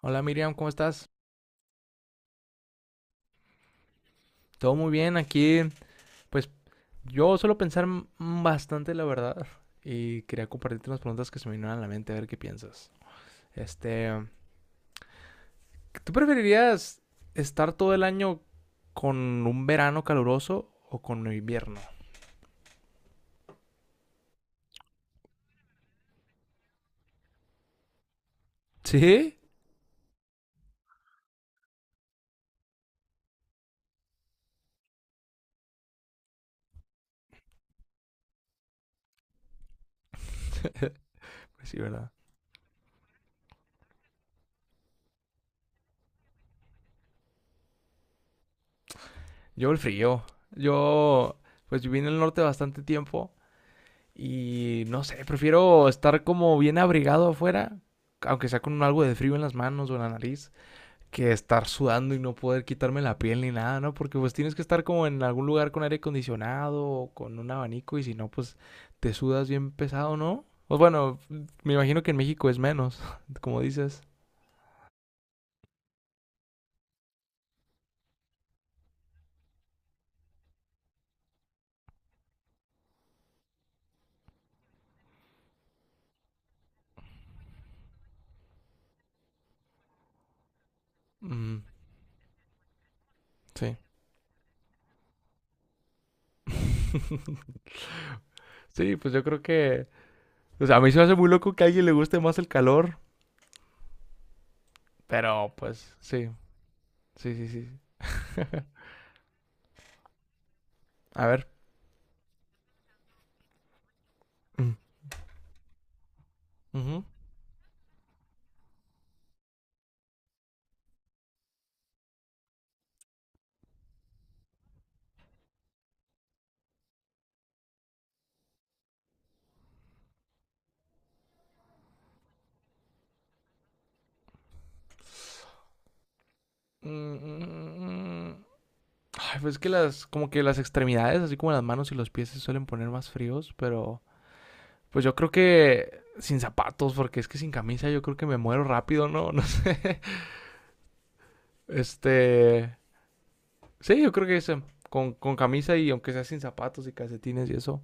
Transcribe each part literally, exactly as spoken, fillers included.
Hola Miriam, ¿cómo estás? Todo muy bien aquí. Pues yo suelo pensar m- bastante, la verdad, y quería compartirte unas preguntas que se me vinieron a la mente a ver qué piensas. Este, ¿tú preferirías estar todo el año con un verano caluroso o con un invierno? ¿Sí? Pues sí, ¿verdad? Yo el frío. Yo, pues viví en el norte bastante tiempo y no sé, prefiero estar como bien abrigado afuera, aunque sea con algo de frío en las manos o en la nariz que estar sudando y no poder quitarme la piel ni nada, ¿no? Porque pues tienes que estar como en algún lugar con aire acondicionado o con un abanico y si no, pues te sudas bien pesado, ¿no? Pues bueno, me imagino que en México es menos, como dices. Mm, sí. Sí, pues yo creo que... O sea, a mí se me hace muy loco que a alguien le guste más el calor, pero pues sí, sí, sí, sí. A ver. Mm, ujú. Mm, mm, mm, Ay, pues es que las, como que las extremidades, así como las manos y los pies se suelen poner más fríos, pero pues yo creo que sin zapatos, porque es que sin camisa yo creo que me muero rápido, ¿no? No sé. Este, sí, yo creo que ese, con, con camisa y aunque sea sin zapatos y calcetines y eso,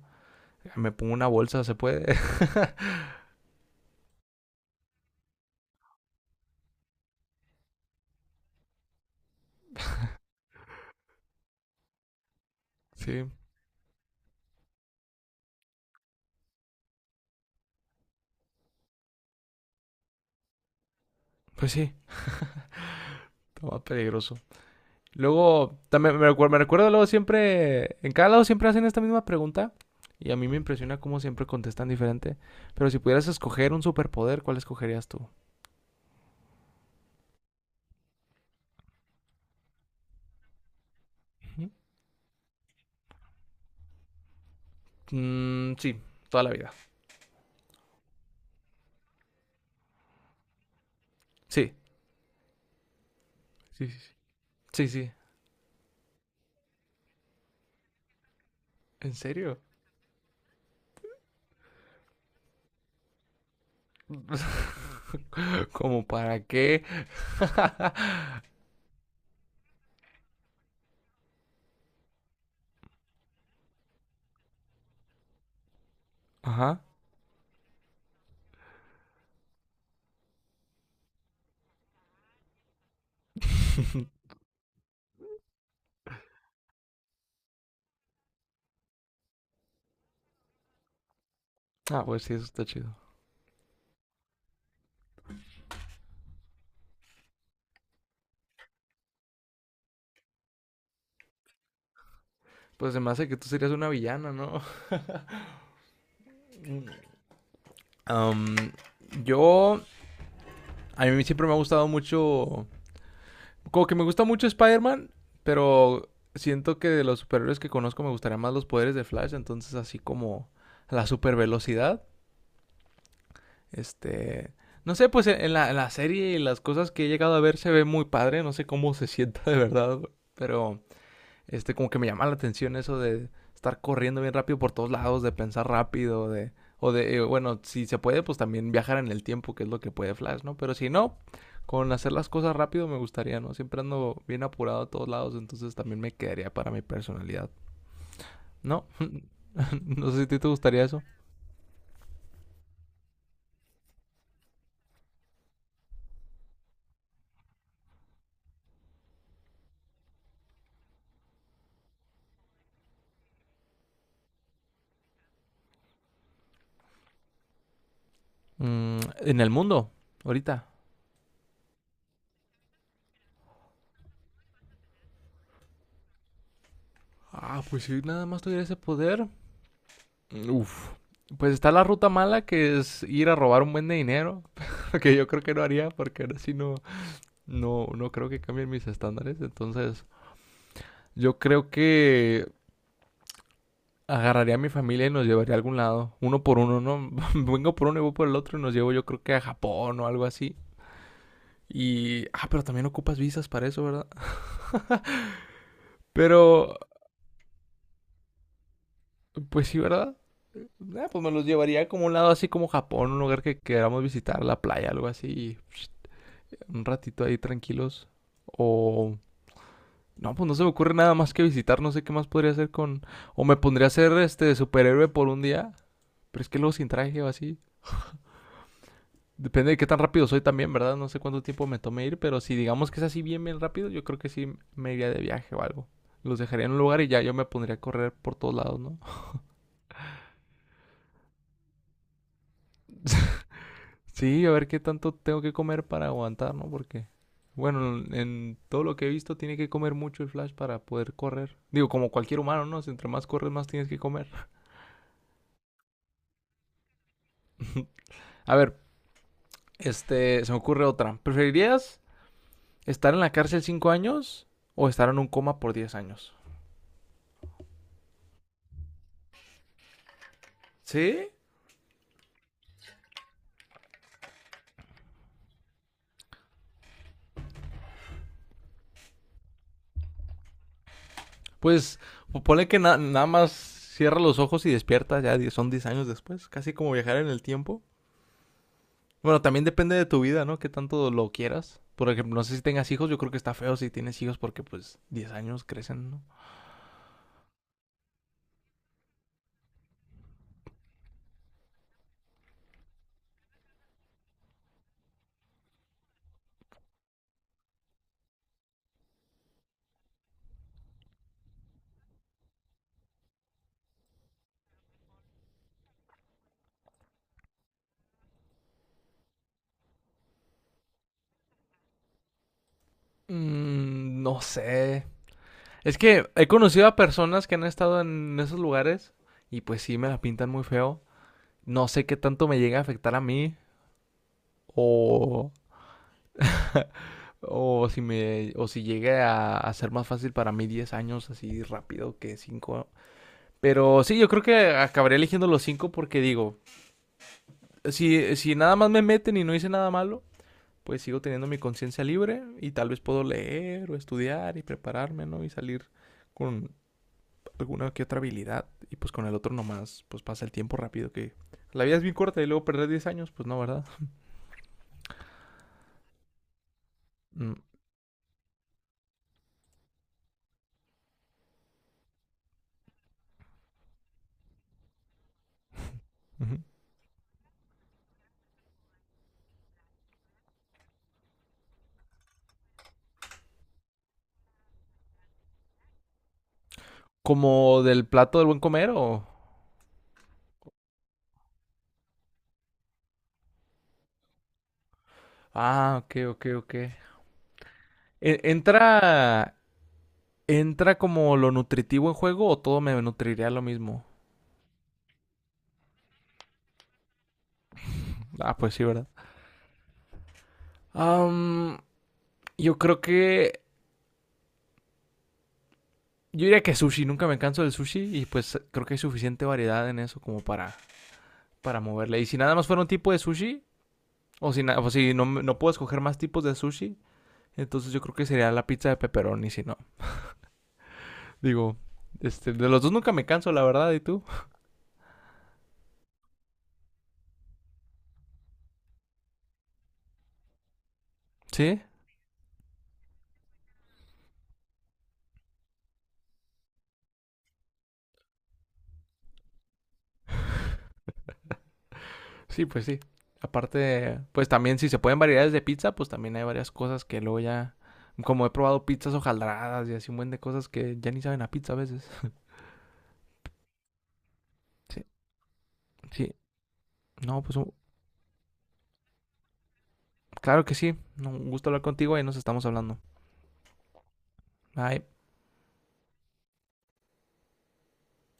me pongo una bolsa, se puede. Sí, pues sí, está más peligroso. Luego, también me recuerdo, me recuerdo luego siempre, en cada lado siempre hacen esta misma pregunta y a mí me impresiona cómo siempre contestan diferente. Pero si pudieras escoger un superpoder, ¿cuál escogerías tú? Mm, sí, toda la vida. Sí, sí, sí, sí, sí, sí. ¿En serio? ¿Como para qué? Ajá. Ah, pues sí, eso está chido. Pues se me hace que tú serías una villana, ¿no? Am, yo, a mí siempre me ha gustado mucho. Como que me gusta mucho Spider-Man, pero siento que de los superhéroes que conozco me gustaría más los poderes de Flash, entonces así como la super velocidad. Este, no sé, pues en la, en la serie y las cosas que he llegado a ver se ve muy padre, no sé cómo se sienta de verdad, güey, pero este, como que me llama la atención eso de estar corriendo bien rápido por todos lados, de pensar rápido, de. O de, eh, bueno, si se puede, pues también viajar en el tiempo, que es lo que puede Flash, ¿no? Pero si no, con hacer las cosas rápido me gustaría, ¿no? Siempre ando bien apurado a todos lados, entonces también me quedaría para mi personalidad. ¿No? No sé si a ti te gustaría eso. Mm, en el mundo, ahorita. Ah, pues si nada más tuviera ese poder, uf. Pues está la ruta mala que es ir a robar un buen de dinero, que yo creo que no haría porque ahora sí no, no, no creo que cambien mis estándares. Entonces, yo creo que agarraría a mi familia y nos llevaría a algún lado, uno por uno, ¿no? Vengo por uno y voy por el otro y nos llevo yo creo que a Japón o algo así. Y, ah, pero también ocupas visas para eso, ¿verdad? Pero, pues sí, ¿verdad? Ah, pues me los llevaría como a un lado así como Japón, un lugar que queramos visitar, la playa, algo así, y, psh, un ratito ahí tranquilos. O no, pues no se me ocurre nada más que visitar, no sé qué más podría hacer con... O me pondría a ser este superhéroe por un día, pero es que luego sin traje o así. Depende de qué tan rápido soy también, ¿verdad? No sé cuánto tiempo me tome ir, pero si digamos que es así bien, bien rápido, yo creo que sí me iría de viaje o algo. Los dejaría en un lugar y ya yo me pondría a correr por todos lados, ¿no? Sí, a ver qué tanto tengo que comer para aguantar, ¿no? Porque, bueno, en en todo lo que he visto tiene que comer mucho el Flash para poder correr. Digo, como cualquier humano, ¿no? Si entre más corres, más tienes que comer. A ver, este, se me ocurre otra. ¿Preferirías estar en la cárcel cinco años o estar en un coma por diez años? ¿Sí? Pues, po- ponle que na- nada más cierra los ojos y despierta, ya die- son diez años después. Casi como viajar en el tiempo. Bueno, también depende de tu vida, ¿no? Qué tanto lo quieras. Por ejemplo, no sé si tengas hijos, yo creo que está feo si tienes hijos porque pues diez años crecen, ¿no? Mm, no sé. Es que he conocido a personas que han estado en esos lugares y pues sí me la pintan muy feo. No sé qué tanto me llega a afectar a mí o o si me o si llegue a, a ser más fácil para mí diez años así rápido que cinco. Pero sí, yo creo que acabaré eligiendo los cinco porque digo, si, si nada más me meten y no hice nada malo, pues sigo teniendo mi conciencia libre y tal vez puedo leer o estudiar y prepararme, ¿no? Y salir con alguna que otra habilidad y pues con el otro nomás, pues pasa el tiempo rápido que la vida es bien corta y luego perder diez años, pues no, ¿verdad? Mm, ujú. ¿Como del plato del buen comer o...? Ah, ok, ok, ok. E- ¿Entra, entra como lo nutritivo en juego o todo me nutriría lo mismo? Ah, pues sí, ¿verdad? Am, yo creo que yo diría que sushi, nunca me canso del sushi y pues creo que hay suficiente variedad en eso como para, para, moverle. Y si nada más fuera un tipo de sushi, o si, na- o si no, no puedo escoger más tipos de sushi, entonces yo creo que sería la pizza de pepperoni, si no. Digo, este, de los dos nunca me canso, la verdad, ¿y tú? ¿Sí? Sí, pues sí. Aparte, pues también si se pueden variedades de pizza, pues también hay varias cosas que luego ya... Como he probado pizzas hojaldradas y así un buen de cosas que ya ni saben a pizza a veces. Sí, sí. No, pues claro que sí. Un gusto hablar contigo y nos estamos hablando. Bye.